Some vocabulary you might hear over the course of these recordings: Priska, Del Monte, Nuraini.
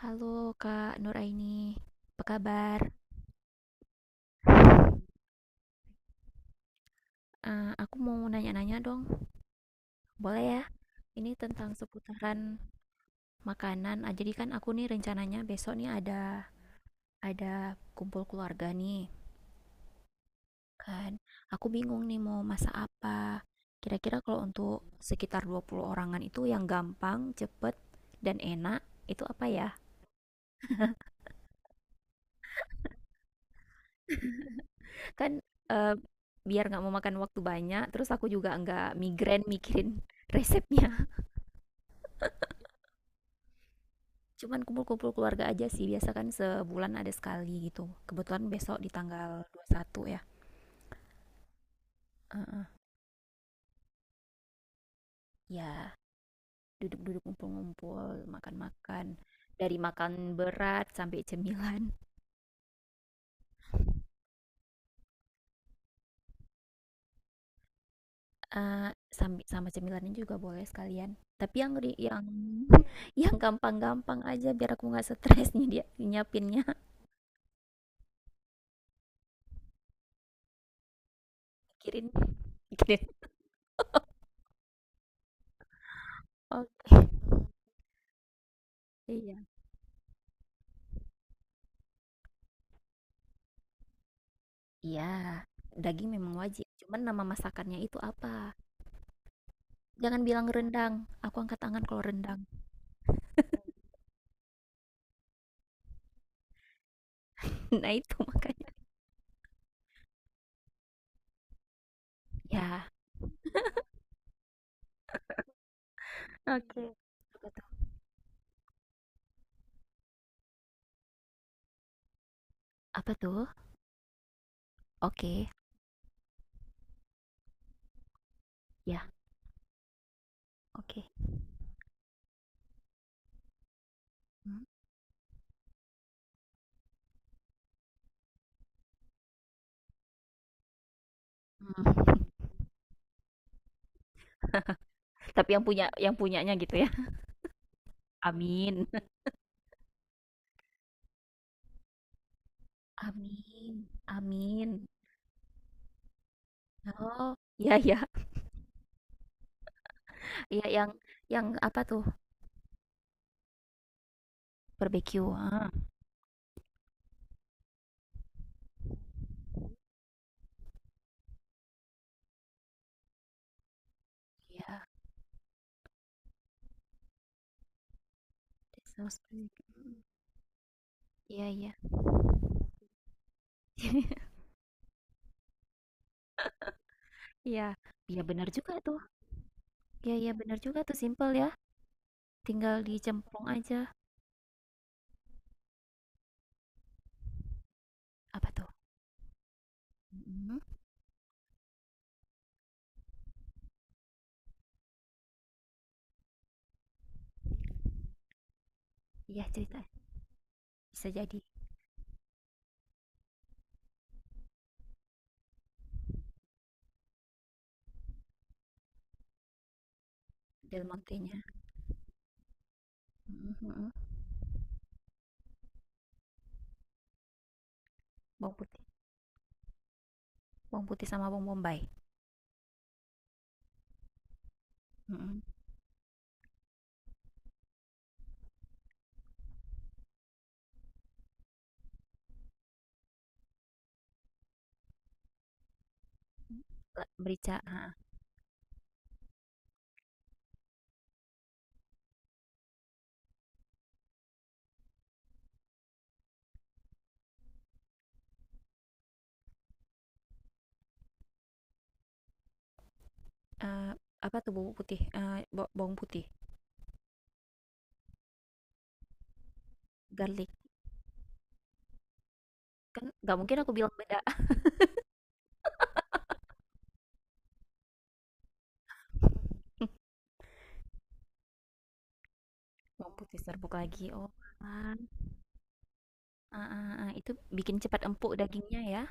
Halo Kak Nuraini, apa kabar? Aku mau nanya-nanya dong, boleh ya? Ini tentang seputaran makanan. Jadi kan aku nih rencananya besok nih ada kumpul keluarga nih, kan? Aku bingung nih mau masak apa. Kira-kira kalau untuk sekitar 20 orangan itu yang gampang, cepet, dan enak itu apa ya? Kan eh, biar nggak mau makan waktu banyak, terus aku juga nggak migrain mikirin resepnya. Cuman kumpul-kumpul keluarga aja sih, biasa kan sebulan ada sekali gitu. Kebetulan besok di tanggal 21 ya. Heeh. Ya, duduk-duduk ngumpul-ngumpul, makan-makan. Dari makan berat sampai cemilan. Sampai sama cemilannya juga boleh sekalian. Tapi yang yang gampang-gampang aja biar aku nggak stres nih dia nyiapinnya. Pikirin. Pikirin. Oke. Iya. Iya, daging memang wajib. Cuman nama masakannya itu apa? Jangan bilang rendang, aku angkat tangan kalau rendang. Nah itu makanya. Ya. Oke. Apa tuh? Oke, ya, oke. Hmm. Hmm. Tapi yang punya yang punyanya gitu ya. Amin. Amin. Amin. Oh, ya ya, ya yang apa tuh? Barbecue. Ya, that sounds basic. Iya, iya. Iya. Iya benar juga tuh. Iya, iya benar juga tuh simple ya. Tinggal dicemplung aja. Apa tuh? Mm-mm. Iya, cerita. Bisa jadi Del Montenya, mhm mhm, bawang putih bawang putih sama bawang bombay, mhm, le merica, heeh, eee, apa tuh bawang putih, eee, ba bawang putih, garlic, kan nggak mungkin aku bilang beda. Bawang putih serbuk lagi, oalah, heeh heeh, itu bikin cepat empuk dagingnya ya,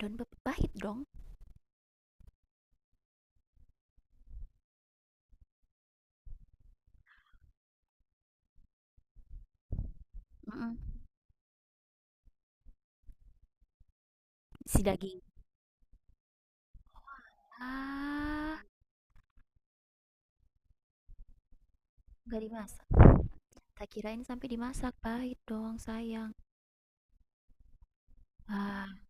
pahit dong, mhm, si daging, ah, nggak dimasak, tak kirain sampai dimasak, pahit dong sayang, ah,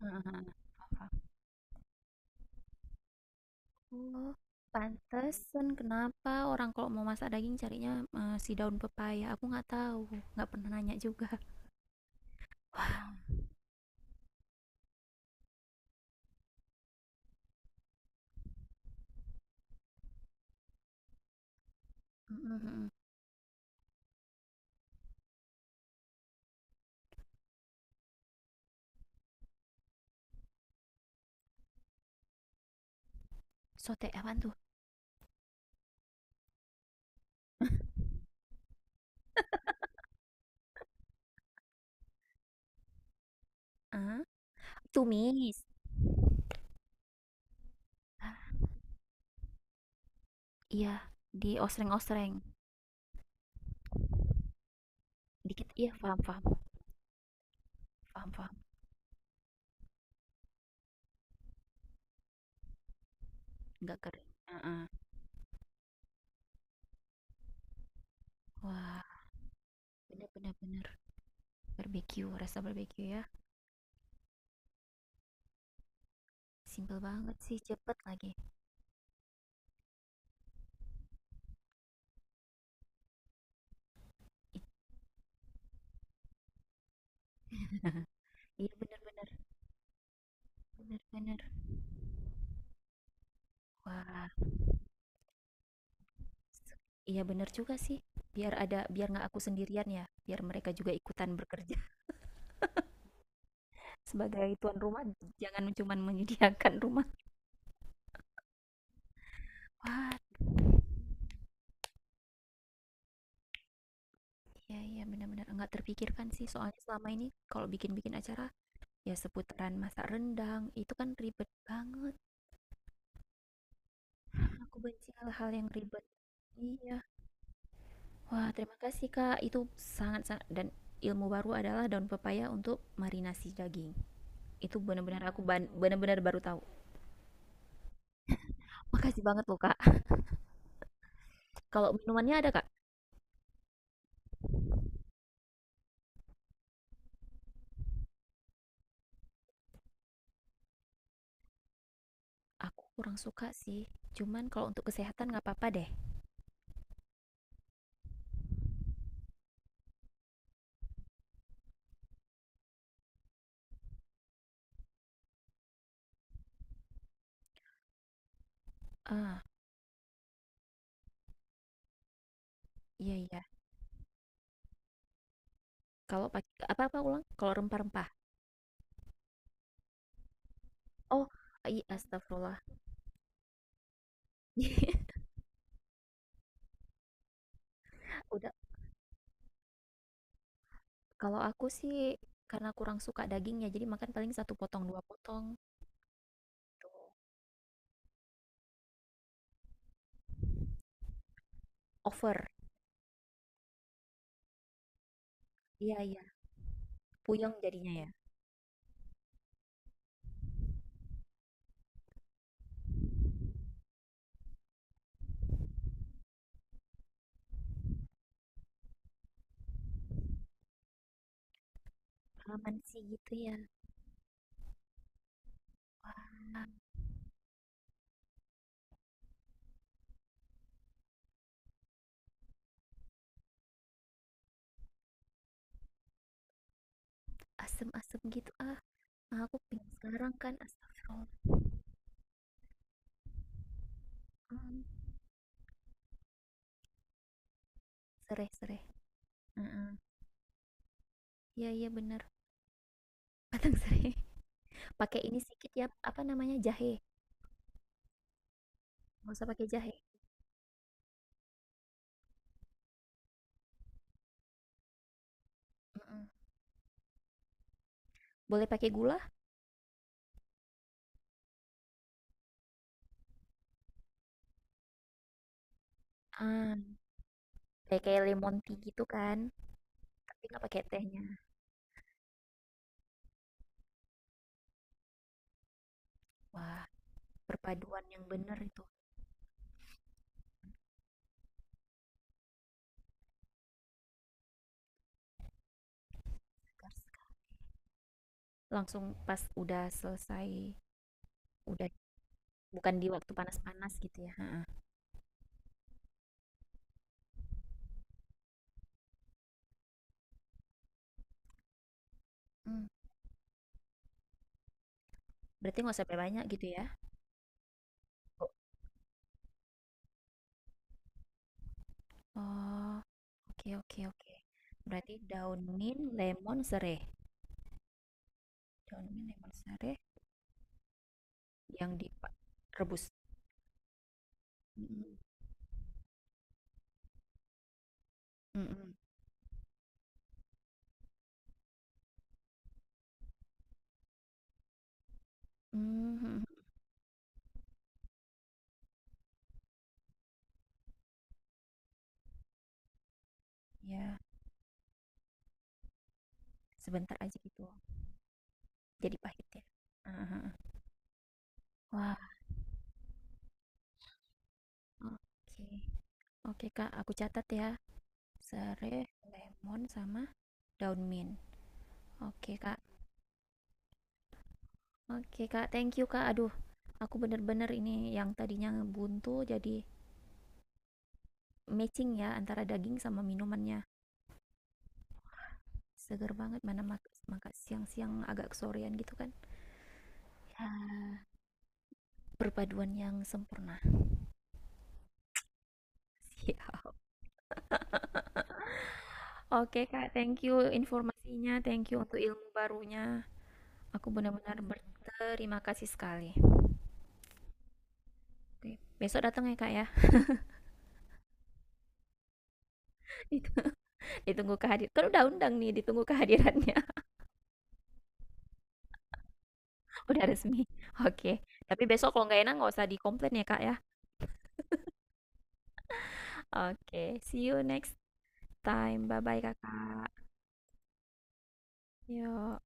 heeh heeh. Oh, pantesan kenapa orang kalau mau masak daging carinya si daun pepaya. Aku nggak tahu, nggak pernah nanya juga. Mm-mm-mm. Sote apaan tuh? Ah, tumis. Ah, iya, di osreng-osreng. Dikit, iya, paham, paham, paham, paham. Nggak kering. Heeh. Wah, bener-bener bener barbeque, rasa barbeque ya. Simple banget sih, cepet lagi. I- iya, bener-bener, bener-bener. Wah. Iya bener juga sih, biar ada biar nggak aku sendirian ya, biar mereka juga ikutan bekerja sebagai tuan rumah, jangan cuman menyediakan rumah. Wah, iya iya benar-benar nggak terpikirkan sih, soalnya selama ini kalau bikin-bikin acara ya seputaran masak rendang, itu kan ribet banget. Aku benci hal-hal yang ribet. Iya. Wah, terima kasih Kak, itu sangat-sangat dan ilmu baru adalah daun pepaya untuk marinasi daging. Itu benar-benar benar-benar baru tahu. Makasih banget loh Kak. Kalau minumannya ada Kak? Aku kurang suka sih, cuman kalau untuk kesehatan nggak apa-apa deh. Ah, iya iya. Kalau pakai apa-apa ulang? Kalau rempah-rempah. Oh, iya astagfirullah. Udah, kalau aku sih karena kurang suka dagingnya, jadi makan paling satu potong dua potong. Tuh. Over. Iya iya, puyeng jadinya ya. Aman sih gitu ya, asem-asem gitu ah. Ah, aku pengen sekarang kan astagfirullah. Hmm, Sereh sereh. Heeh. Iya iya bener. Padang sereh. Pakai ini sedikit ya, apa namanya jahe. Nggak usah pakai jahe. Mhm. Boleh pakai gula? Ah, kayak kayak lemon tea gitu kan, tapi nggak pakai tehnya. Wah, perpaduan yang bener itu, segar sekali. Langsung pas udah selesai, udah bukan di waktu panas-panas gitu ya. Heeh. Hmm, berarti nggak usah sampai banyak gitu ya? Oh, oke oke oke. Berarti daun mint, lemon, serai. Daun mint, lemon, serai yang direbus. Mm-mm. Mm-mm. Mhm. Ya, sebentar aja gitu. Jadi pahit ya. Aha. Wah. Oke. Oke, Kak, aku catat ya. Sere, lemon sama daun mint. Oke, Kak. Oke, Kak. Thank you, Kak. Aduh, aku bener-bener ini yang tadinya buntu jadi matching ya antara daging sama minumannya. Seger banget mana makan siang-siang agak kesorean gitu kan. Ya, perpaduan yang sempurna. Siap. Oke, Kak. Thank you informasinya. Thank you untuk ilmu barunya. Aku benar-benar berterima kasih sekali. Oke, besok datang ya, Kak ya. Ditunggu kan udah undang nih, ditunggu kehadirannya, udah resmi. Oke, tapi besok kalau nggak enak nggak usah dikomplain ya, Kak, ya. Oke, see you next time, bye-bye, Kakak. Yo.